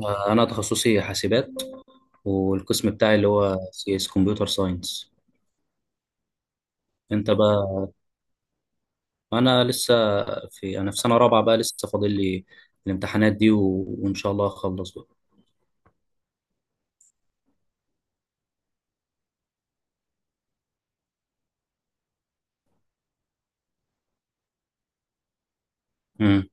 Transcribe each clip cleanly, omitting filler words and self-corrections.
آه، أنا تخصصي حاسبات. والقسم بتاعي اللي هو CS، كمبيوتر ساينس. أنت بقى؟ أنا لسه، في سنة رابعة بقى، لسه فاضل لي الامتحانات دي. وإن شاء الله أخلص بقى. مم.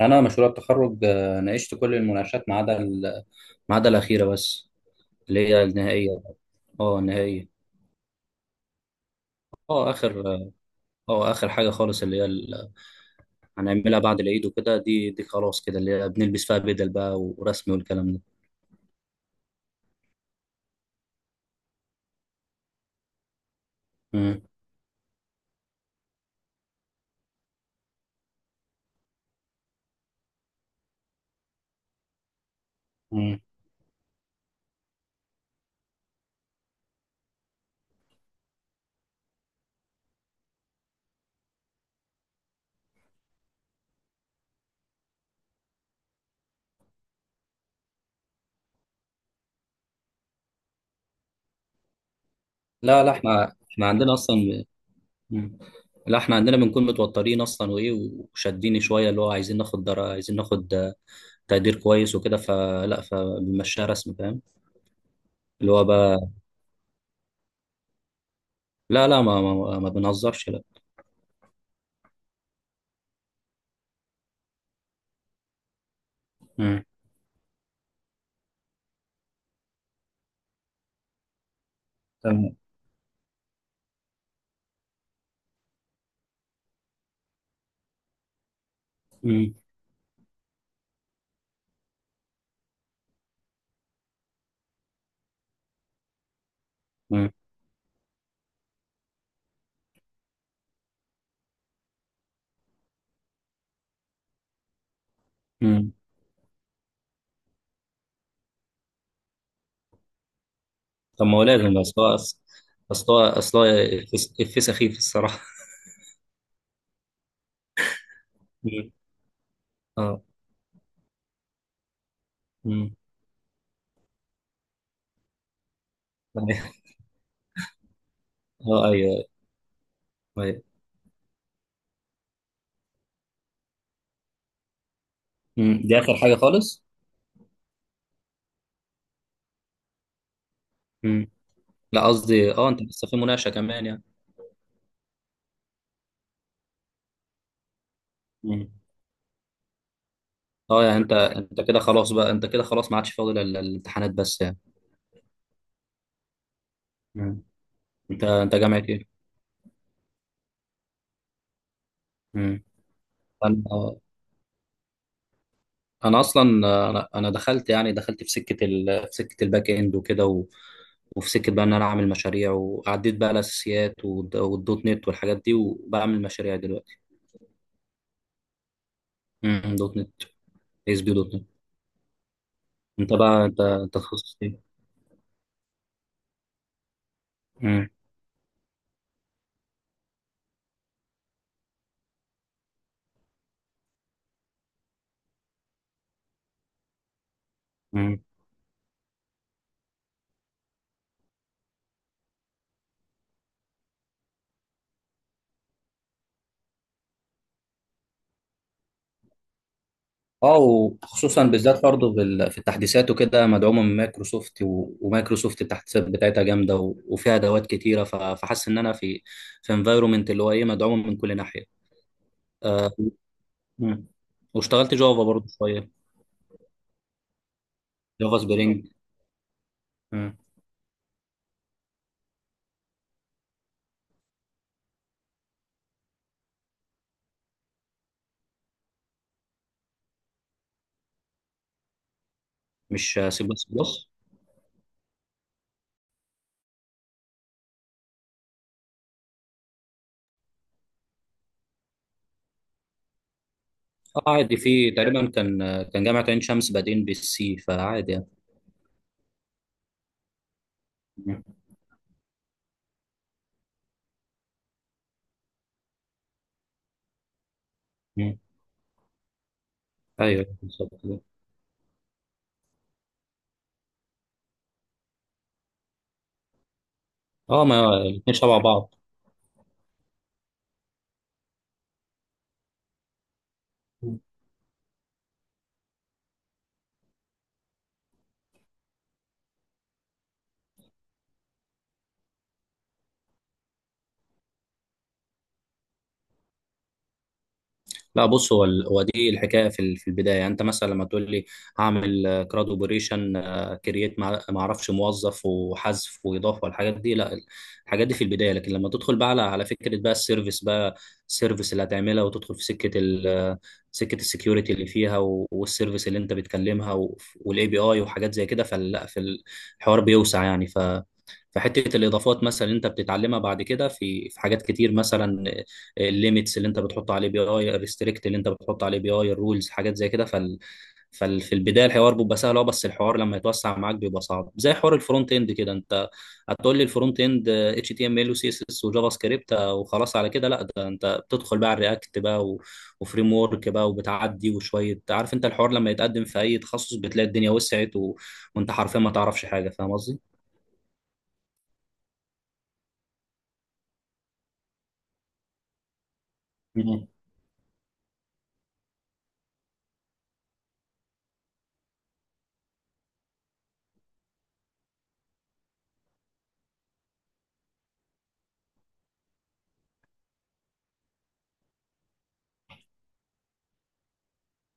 أنا مشروع التخرج، ناقشت كل المناقشات، ما عدا الأخيرة بس، اللي هي النهائية. أه، النهائية. أه، آخر أه آه، آخر حاجة خالص، هنعملها بعد العيد وكده. دي خلاص كده، اللي هي بنلبس فيها بدل بقى ورسمي والكلام ده. مم. مم. لا، لا، احنا عندنا اصلا. مم. لا، احنا عندنا بنكون متوترين اصلا، وايه، وشادين شويه، اللي هو عايزين ناخد تقدير كويس وكده، فلا، فبنمشيها رسم، فاهم. اللي هو بقى. لا، لا، ما بنهزرش، لا. مم. تمام. مم. مم. مم. طب، ما هو لازم، بس هو اصل هو. إفيه سخيف الصراحه. مم. اه. مم. اه، ايوه، ايوه. مم. دي اخر حاجه خالص. مم. لا، قصدي، انت لسه في مناقشه كمان؟ يعني، اه، يعني، انت كده خلاص بقى، انت كده خلاص ما عادش فاضل الامتحانات بس يعني. مم. انت جامعة ايه؟ مم. انا انا اصلا، انا دخلت يعني، دخلت في سكة ال... في سكة الباك اند وكده. وفي سكة بقى ان انا اعمل مشاريع، وعديت بقى الاساسيات والدوت نت والحاجات دي، وبعمل مشاريع دلوقتي. مم. دوت نت، ASP.NET. انت بقى، انت تخصص ايه؟ مم. مم. اه، وخصوصا بالذات برضه في التحديثات وكده، مدعومه من مايكروسوفت، ومايكروسوفت التحديثات بتاعتها جامده، وفيها ادوات كتيره، فحاسس ان انا في انفايرومنت اللي هو ايه، مدعومه من كل ناحيه. آه. مم. واشتغلت جافا برضه شويه. جافا سبرينج. مم. مش C++. اه، عادي، في تقريبا كان جامعه عين شمس، بعدين بالسي، فعادي يعني. مم. مم. ايوه بالظبط كده. اه، ما الاثنين شبه بعض. لا، بص، هو دي الحكايه، في البدايه يعني، انت مثلا لما تقول لي هعمل كراد اوبريشن، كرييت ما اعرفش موظف، وحذف، واضافه، والحاجات دي، لا. الحاجات دي في البدايه، لكن لما تدخل بقى على فكره بقى السيرفيس بقى، السيرفيس اللي هتعملها، وتدخل في سكه السكيورتي اللي فيها، والسيرفيس اللي انت بتكلمها، والاي بي اي وحاجات زي كده، فلا، في الحوار بيوسع يعني، فحته الاضافات مثلا، انت بتتعلمها بعد كده، في حاجات كتير مثلا، الليميتس اللي انت بتحط عليه بي اي، الريستريكت اللي انت بتحط عليه بي اي، الرولز، حاجات زي كده، ففي البدايه الحوار بيبقى سهل، اه، بس الحوار لما يتوسع معاك بيبقى صعب، زي حوار الفرونت اند كده، انت هتقول لي الفرونت اند HTML، وسي اس اس، وجافا سكريبت، وخلاص على كده، لا، ده انت بتدخل بقى على الرياكت بقى، وفريم ورك بقى، وبتعدي، وشويه عارف انت، الحوار لما يتقدم في اي تخصص بتلاقي الدنيا وسعت، وانت حرفيا ما تعرفش حاجه، فاهم قصدي؟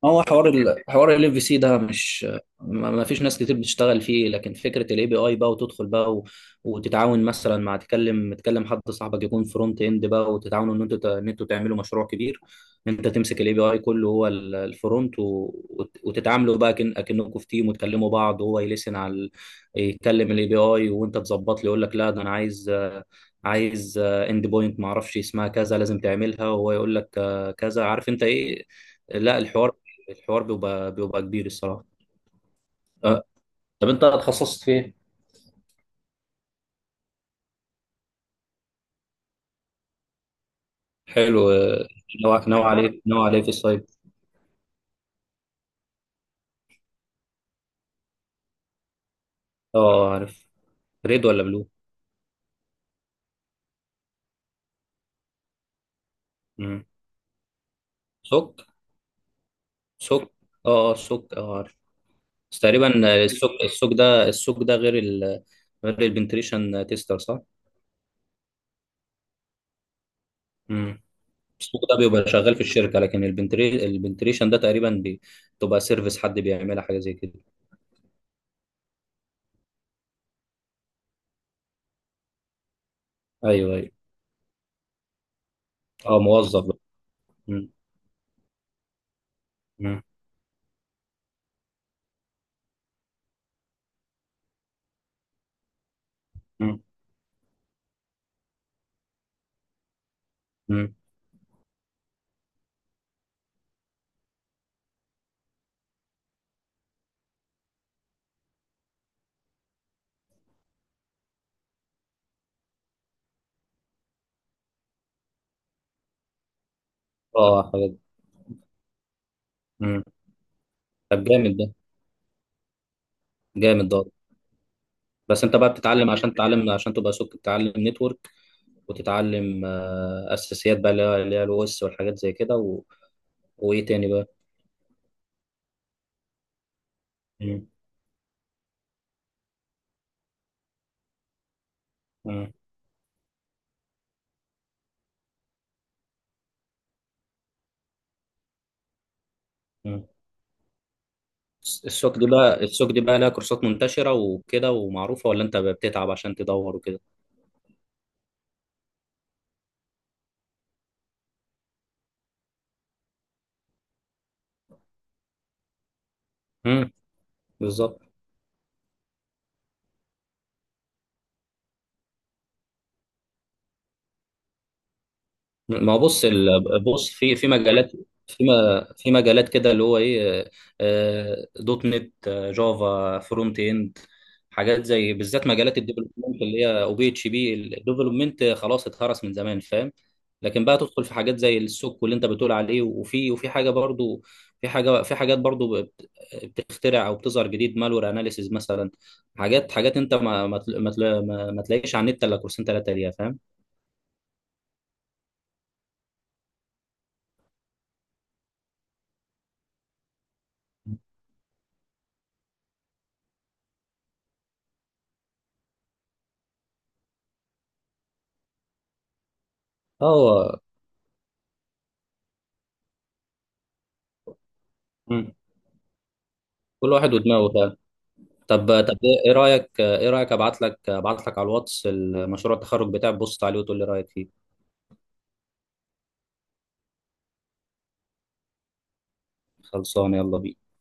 ما هو حوار ال... حوار ال في سي ده، مش ما فيش ناس كتير بتشتغل فيه، لكن فكره الاي بي اي بقى، وتدخل بقى، وتتعاون مثلا، مع تكلم حد صاحبك يكون فرونت اند بقى، وتتعاونوا ان انتوا تعملوا مشروع كبير، ان انت تمسك الاي بي اي كله، هو الفرونت، وتتعاملوا بقى كأنكم في تيم، وتكلموا بعض، وهو يلسن على يتكلم الاي بي اي، وانت تظبط لي، يقول لك لا ده انا عايز، عايز اند بوينت ما اعرفش اسمها كذا، لازم تعملها، وهو يقول لك كذا عارف انت ايه. لا، الحوار بيبقى كبير الصراحه. أه. طب انت اتخصصت في ايه؟ حلو، نوع عليه، نوع عليه في السايب. اه، عارف. ريد ولا بلو؟ مم. سوك. سوك. اه، سوك، اه عارف. بس تقريبا. السوك ده غير ال غير البنتريشن تيستر صح؟ مم. السوك ده بيبقى شغال في الشركه، لكن البنتريشن ده تقريبا بتبقى سيرفيس حد بيعملها حاجه زي كده. ايوه، ايوه. اه، موظف بقى. مم. مم. مم. مم. اه، حاجه. مم. طب جامد ده. جامد ده. بس انت بقى بتتعلم عشان تتعلم، عشان تبقى سوق، تتعلم نتورك، وتتعلم اساسيات بقى، اللي هي الاو اس والحاجات زي كده، وايه تاني بقى. مم. مم. مم. السوق دي بقى لها كورسات منتشرة وكده ومعروفة، ولا انت بتتعب عشان تدور وكده؟ مم. بالظبط. ما هو بص بص في مجالات، في ما- في مجالات كده، اللي هو ايه، دوت نت، جافا، فرونت اند، حاجات زي بالذات مجالات الديفلوبمنت، اللي هي او PHP، الديفلوبمنت خلاص اتهرس من زمان، فاهم. لكن بقى تدخل في حاجات زي السوق واللي انت بتقول عليه، وفي حاجه برضو، في حاجات برضو بتخترع او بتظهر جديد، مالور اناليسيز مثلا، حاجات حاجات انت ما ما تل- ما تل- ما- ما تلاقيش على النت الا كورسين ثلاثه ليها، فاهم. اه، كل واحد ودماغه فعلا. طب، ايه رايك، ابعت لك على الواتس المشروع التخرج بتاعك، بص عليه وتقول لي رايك فيه. خلصان، يلا بينا.